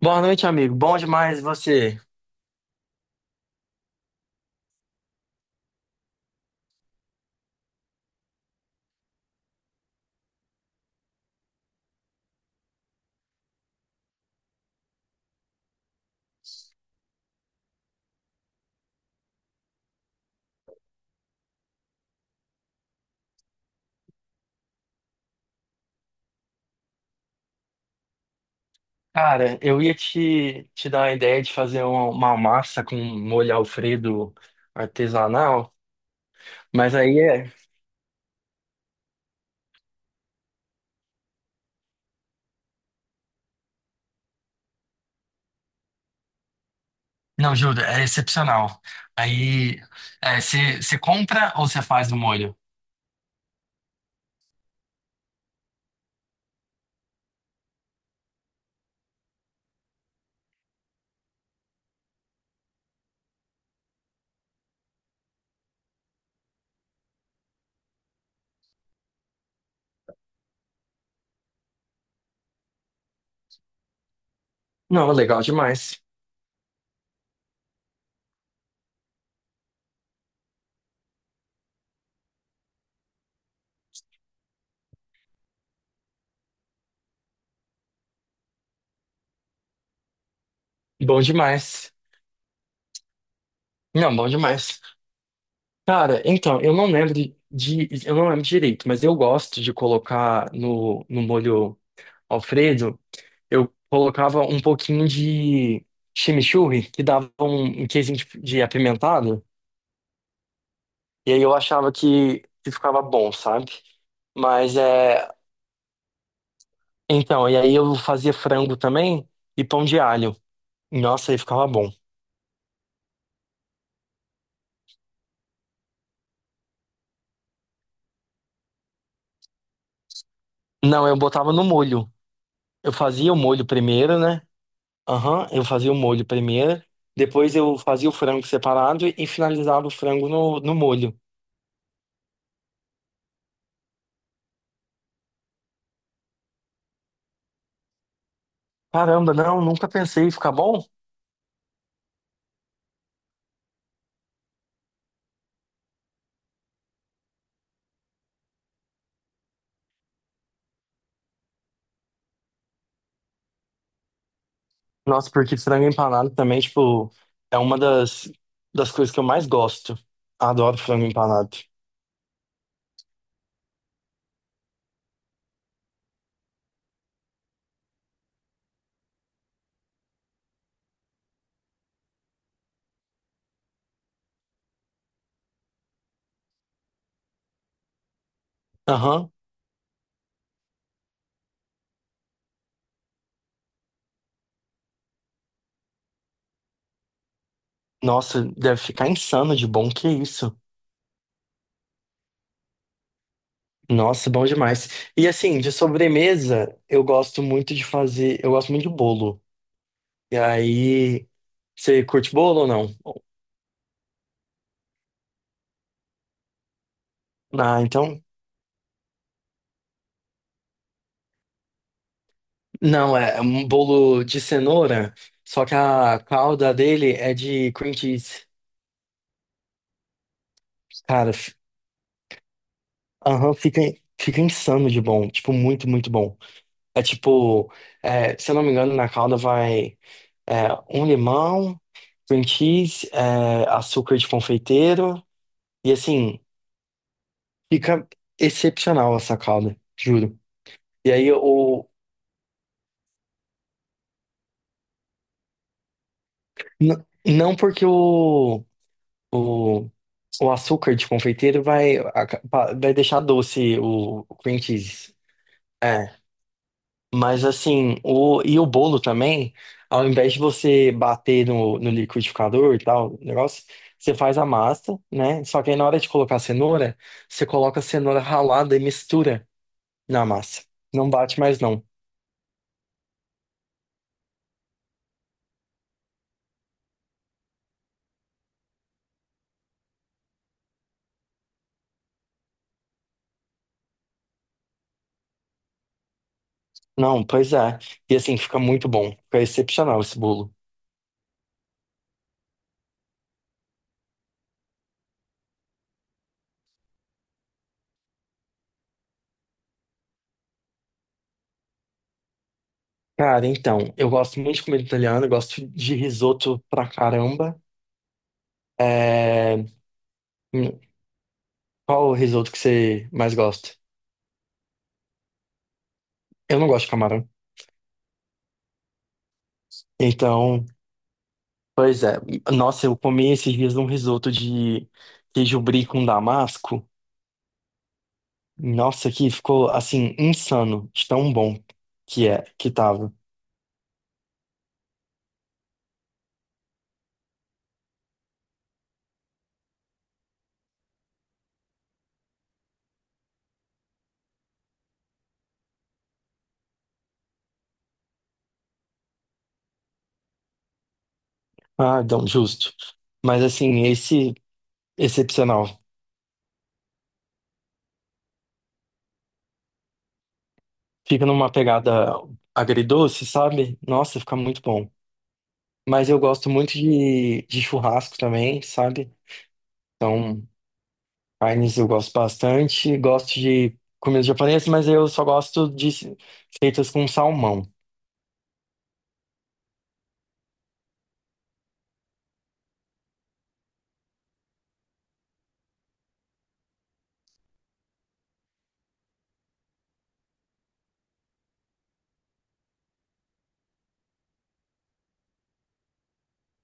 Boa noite, amigo. Bom demais você. Cara, eu ia te dar a ideia de fazer uma massa com molho Alfredo artesanal, mas aí é. Não, juro, é excepcional. Aí, você compra ou você faz o molho? Não, legal demais. Bom demais. Não, bom demais. Cara, então, eu não lembro direito, mas eu gosto de colocar no molho Alfredo. Eu colocava um pouquinho de chimichurri, que dava um queijinho de apimentado, e aí eu achava que ficava bom, sabe? Mas é. Então, e aí eu fazia frango também e pão de alho. Nossa, aí ficava bom. Não, eu botava no molho. Eu fazia o molho primeiro, né? Aham, eu fazia o molho primeiro. Depois eu fazia o frango separado e finalizava o frango no molho. Caramba, não, nunca pensei em ficar bom. Nossa, porque frango empanado também, tipo, é uma das coisas que eu mais gosto. Adoro frango empanado. Aham. Nossa, deve ficar insano de bom, que isso. Nossa, bom demais. E assim, de sobremesa, eu gosto muito de bolo. E aí, você curte bolo ou não? Ah, então, não, é um bolo de cenoura, só que a calda dele é de cream cheese. Cara, f- aham, fica, fica insano de bom, tipo, muito, muito bom. É tipo, é, se eu não me engano, na calda vai é, um limão, cream cheese, é, açúcar de confeiteiro. E assim, fica excepcional essa calda, juro. E aí, não porque o, o açúcar de confeiteiro vai, vai deixar doce o cream cheese. É. Mas assim, e o bolo também, ao invés de você bater no liquidificador e tal, o negócio, você faz a massa, né? Só que aí na hora de colocar a cenoura, você coloca a cenoura ralada e mistura na massa. Não bate mais não. Não, pois é. E assim, fica muito bom. Fica excepcional esse bolo. Cara, então, eu gosto muito de comida italiana, eu gosto de risoto pra caramba. É... hum, qual o risoto que você mais gosta? Eu não gosto de camarão. Então. Pois é. Nossa, eu comi esses dias um risoto de queijo brie com damasco. Nossa, que ficou assim insano, de tão bom que é, que tava. Ah, não, justo. Mas assim, esse excepcional. Fica numa pegada agridoce, sabe? Nossa, fica muito bom. Mas eu gosto muito de churrasco também, sabe? Então, carnes eu gosto bastante. Gosto de comida japonesa, mas eu só gosto de feitas com salmão.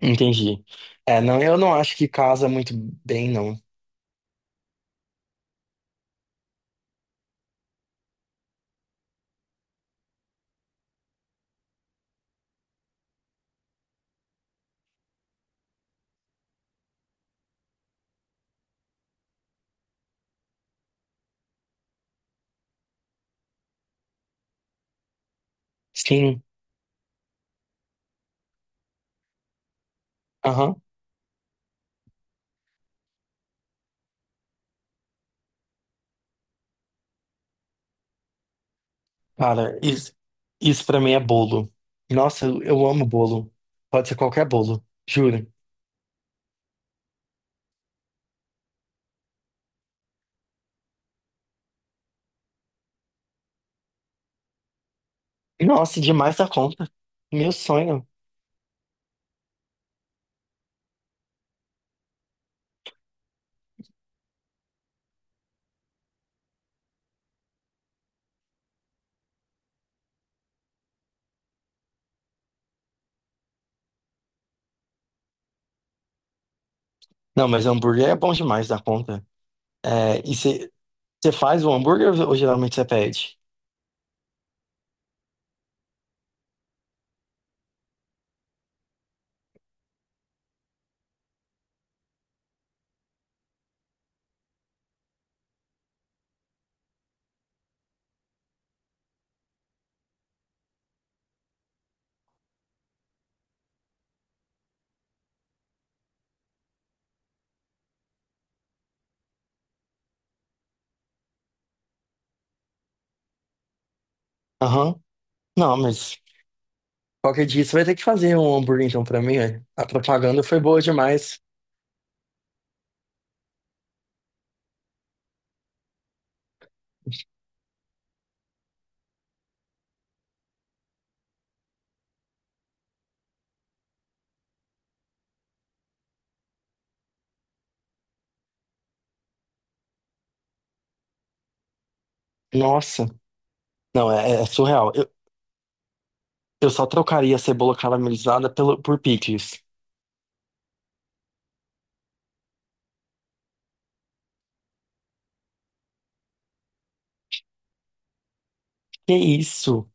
Entendi. É, não, eu não acho que casa muito bem, não. Sim, aham. Cara, isso pra mim é bolo. Nossa, eu amo bolo. Pode ser qualquer bolo, juro. Nossa, demais da conta. Meu sonho. Não, mas hambúrguer é bom demais da conta. É, e você faz o hambúrguer ou geralmente você pede? Aham. Não, mas qualquer dia você vai ter que fazer um hambúrguer então pra mim, velho. A propaganda foi boa demais. Nossa. Não, é surreal. Eu só trocaria a cebola caramelizada por picles. Que isso?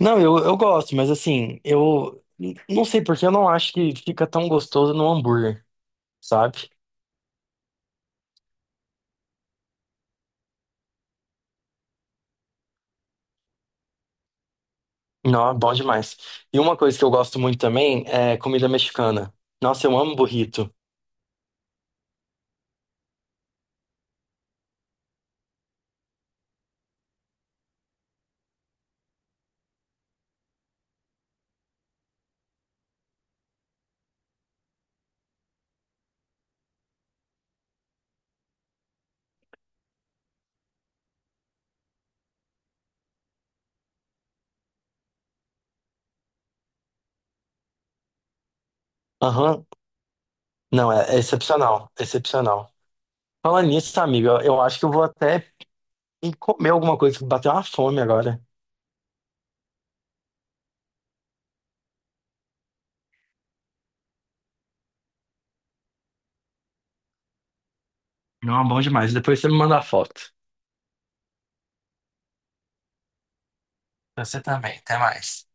Não, eu gosto, mas assim, não sei porque eu não acho que fica tão gostoso no hambúrguer, sabe? Não, é bom demais. E uma coisa que eu gosto muito também é comida mexicana. Nossa, eu amo burrito. Aham. Não, é excepcional, excepcional. Falando nisso, amigo, eu acho que eu vou até comer alguma coisa que bateu uma fome agora. Não, bom demais. Depois você me manda a foto. Você também, até mais.